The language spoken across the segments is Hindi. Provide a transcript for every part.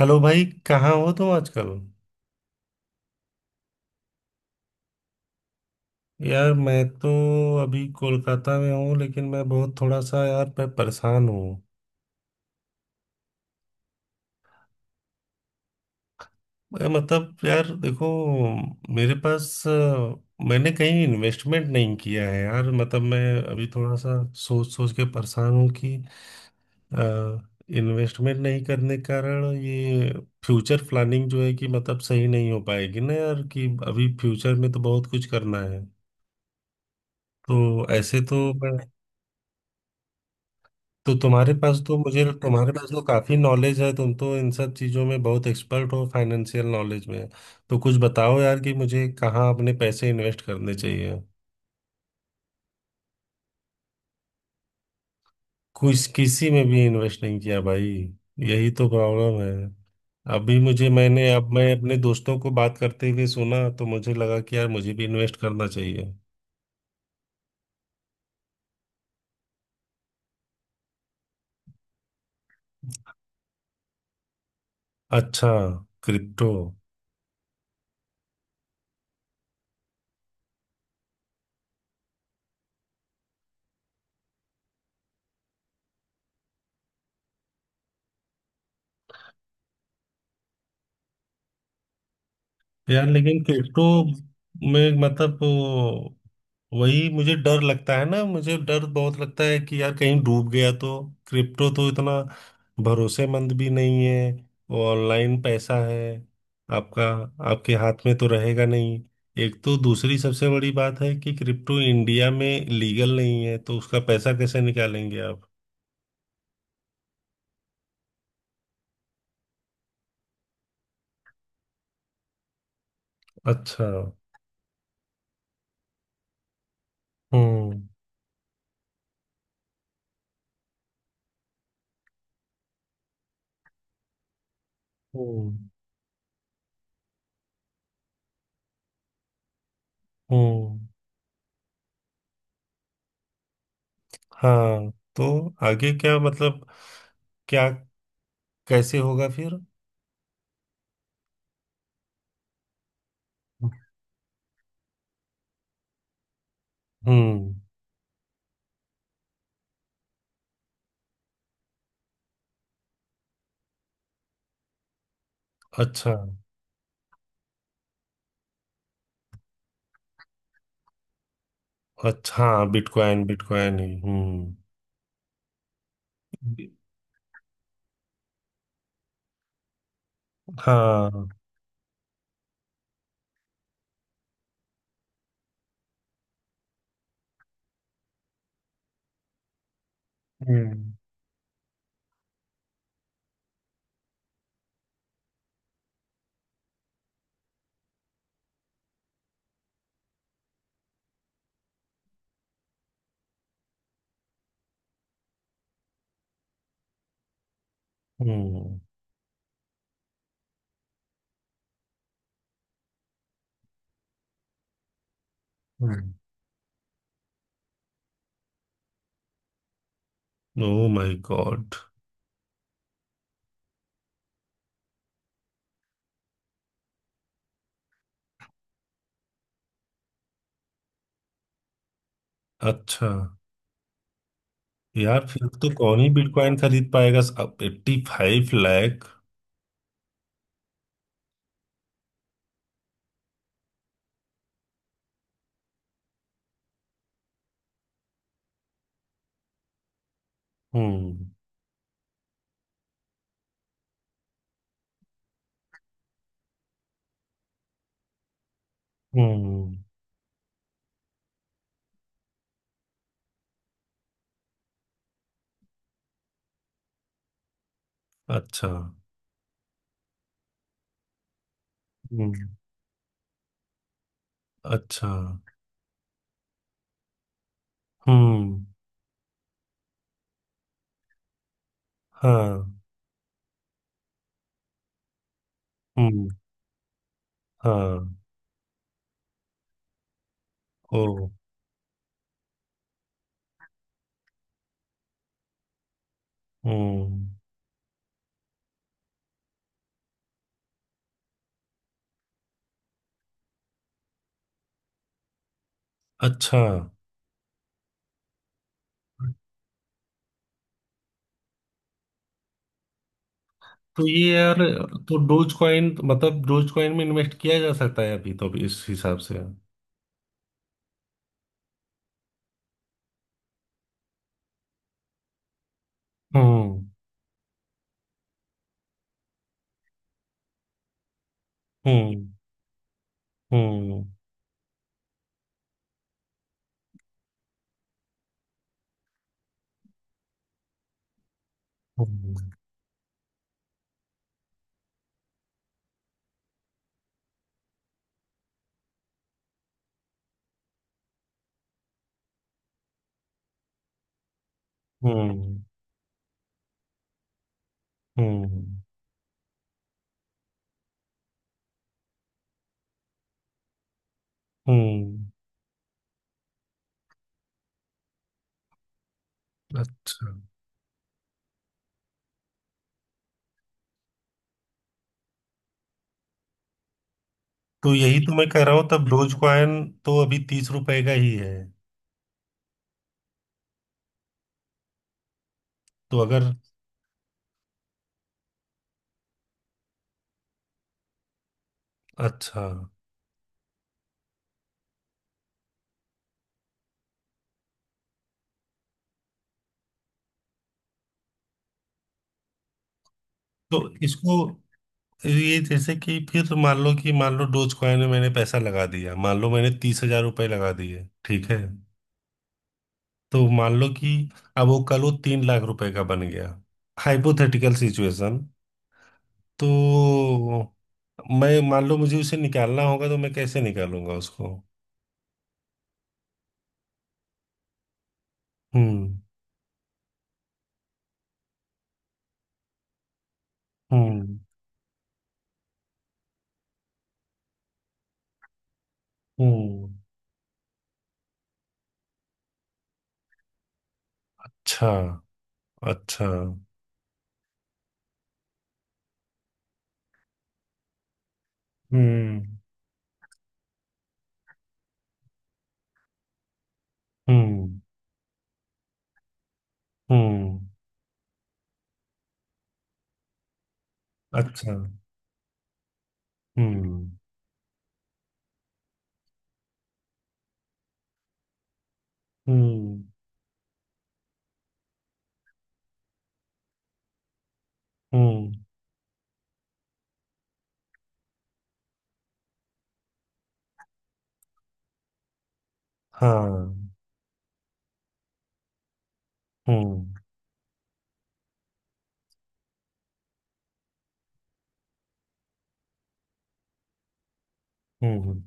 हेलो भाई, कहाँ हो तुम आजकल? यार, मैं तो अभी कोलकाता में हूँ, लेकिन मैं बहुत थोड़ा सा, यार, मैं परेशान हूँ। मैं मतलब, यार, देखो, मैंने कहीं इन्वेस्टमेंट नहीं किया है, यार। मतलब मैं अभी थोड़ा सा सोच सोच के परेशान हूँ कि इन्वेस्टमेंट नहीं करने के कारण ये फ्यूचर प्लानिंग जो है कि मतलब सही नहीं हो पाएगी ना, यार, कि अभी फ्यूचर में तो बहुत कुछ करना है। तो ऐसे तो तुम्हारे पास तो काफी नॉलेज है। तुम तो इन सब चीजों में बहुत एक्सपर्ट हो, फाइनेंशियल नॉलेज में। तो कुछ बताओ यार, कि मुझे कहाँ अपने पैसे इन्वेस्ट करने चाहिए। कुछ किसी में भी इन्वेस्ट नहीं किया भाई, यही तो प्रॉब्लम है। अभी मुझे मैंने अब मैं अपने दोस्तों को बात करते हुए सुना, तो मुझे लगा कि यार, मुझे भी इन्वेस्ट करना चाहिए। अच्छा। क्रिप्टो। यार, लेकिन क्रिप्टो में मतलब वही मुझे डर लगता है ना। मुझे डर बहुत लगता है कि यार, कहीं डूब गया तो। क्रिप्टो तो इतना भरोसेमंद भी नहीं है। वो ऑनलाइन पैसा है आपका, आपके हाथ में तो रहेगा नहीं। एक तो दूसरी सबसे बड़ी बात है कि क्रिप्टो इंडिया में लीगल नहीं है, तो उसका पैसा कैसे निकालेंगे आप? अच्छा। हम्म। हम्म। हम्म। हाँ, तो आगे क्या, मतलब क्या, कैसे होगा फिर? हम्म। अच्छा। अच्छा हाँ, बिटकॉइन बिटकॉइन ही। हम्म। बि- हाँ। हम्म। हम्म। Oh my god. अच्छा। यार, फिर तो कौन ही बिटकॉइन खरीद पाएगा, अब 85 लाख। हम्म। हम्म। अच्छा। हम्म। अच्छा। हम्म। हाँ। हम्म। हाँ। ओ। हम्म। अच्छा। तो ये यार, तो डोज कॉइन, मतलब डोज कॉइन में इन्वेस्ट किया जा सकता है अभी तो, अभी इस हिसाब से? हम्म। हम्म। हम्म। हम्म। हम्म। हम्म। हम्म। अच्छा। तो यही तो मैं कह रहा हूँ, तब डोज कॉइन तो अभी 30 रुपए का ही है। तो अगर, अच्छा, तो इसको, ये जैसे कि फिर मान लो कि, मान लो डोज कॉइन में मैंने पैसा लगा दिया, मान लो मैंने 30 हजार रुपए लगा दिए, ठीक है? तो मान लो कि अब वो कल वो 3 लाख रुपए का बन गया, हाइपोथेटिकल सिचुएशन। तो मैं, मान लो मुझे उसे निकालना होगा, तो मैं कैसे निकालूंगा उसको? हम्म। हम्म। हम्म। अच्छा। अच्छा। हम्म। हम्म। हम्म। अच्छा। हम्म। हम्म। हम्म। हाँ। हम्म। हम्म। हम्म।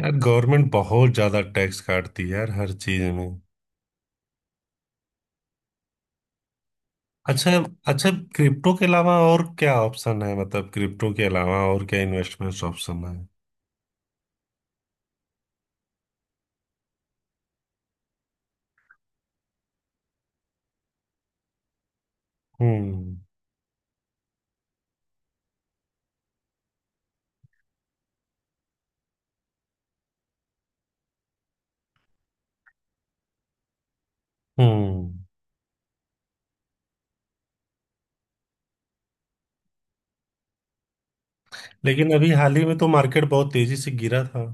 यार, गवर्नमेंट बहुत ज्यादा टैक्स काटती है, यार, हर चीज में। अच्छा। अच्छा। क्रिप्टो के अलावा और क्या ऑप्शन है, मतलब क्रिप्टो के अलावा और क्या इन्वेस्टमेंट ऑप्शन है? हम्म। हम्म। लेकिन अभी हाल ही में तो मार्केट बहुत तेजी से गिरा था।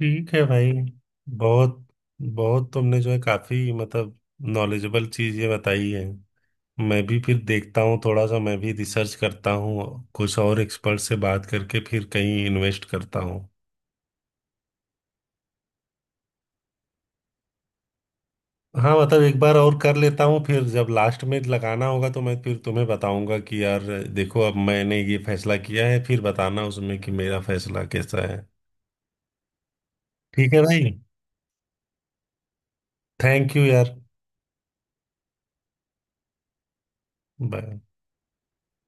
ठीक है भाई। बहुत बहुत, तुमने जो है काफी मतलब नॉलेजेबल चीज ये बताई है। मैं भी फिर देखता हूँ, थोड़ा सा मैं भी रिसर्च करता हूँ, कुछ और एक्सपर्ट से बात करके फिर कहीं इन्वेस्ट करता हूँ। हाँ, मतलब एक बार और कर लेता हूँ फिर, जब लास्ट में लगाना होगा तो मैं फिर तुम्हें बताऊंगा कि यार, देखो, अब मैंने ये फैसला किया है, फिर बताना उसमें कि मेरा फैसला कैसा है। ठीक है भाई। थैंक यू यार। बाय।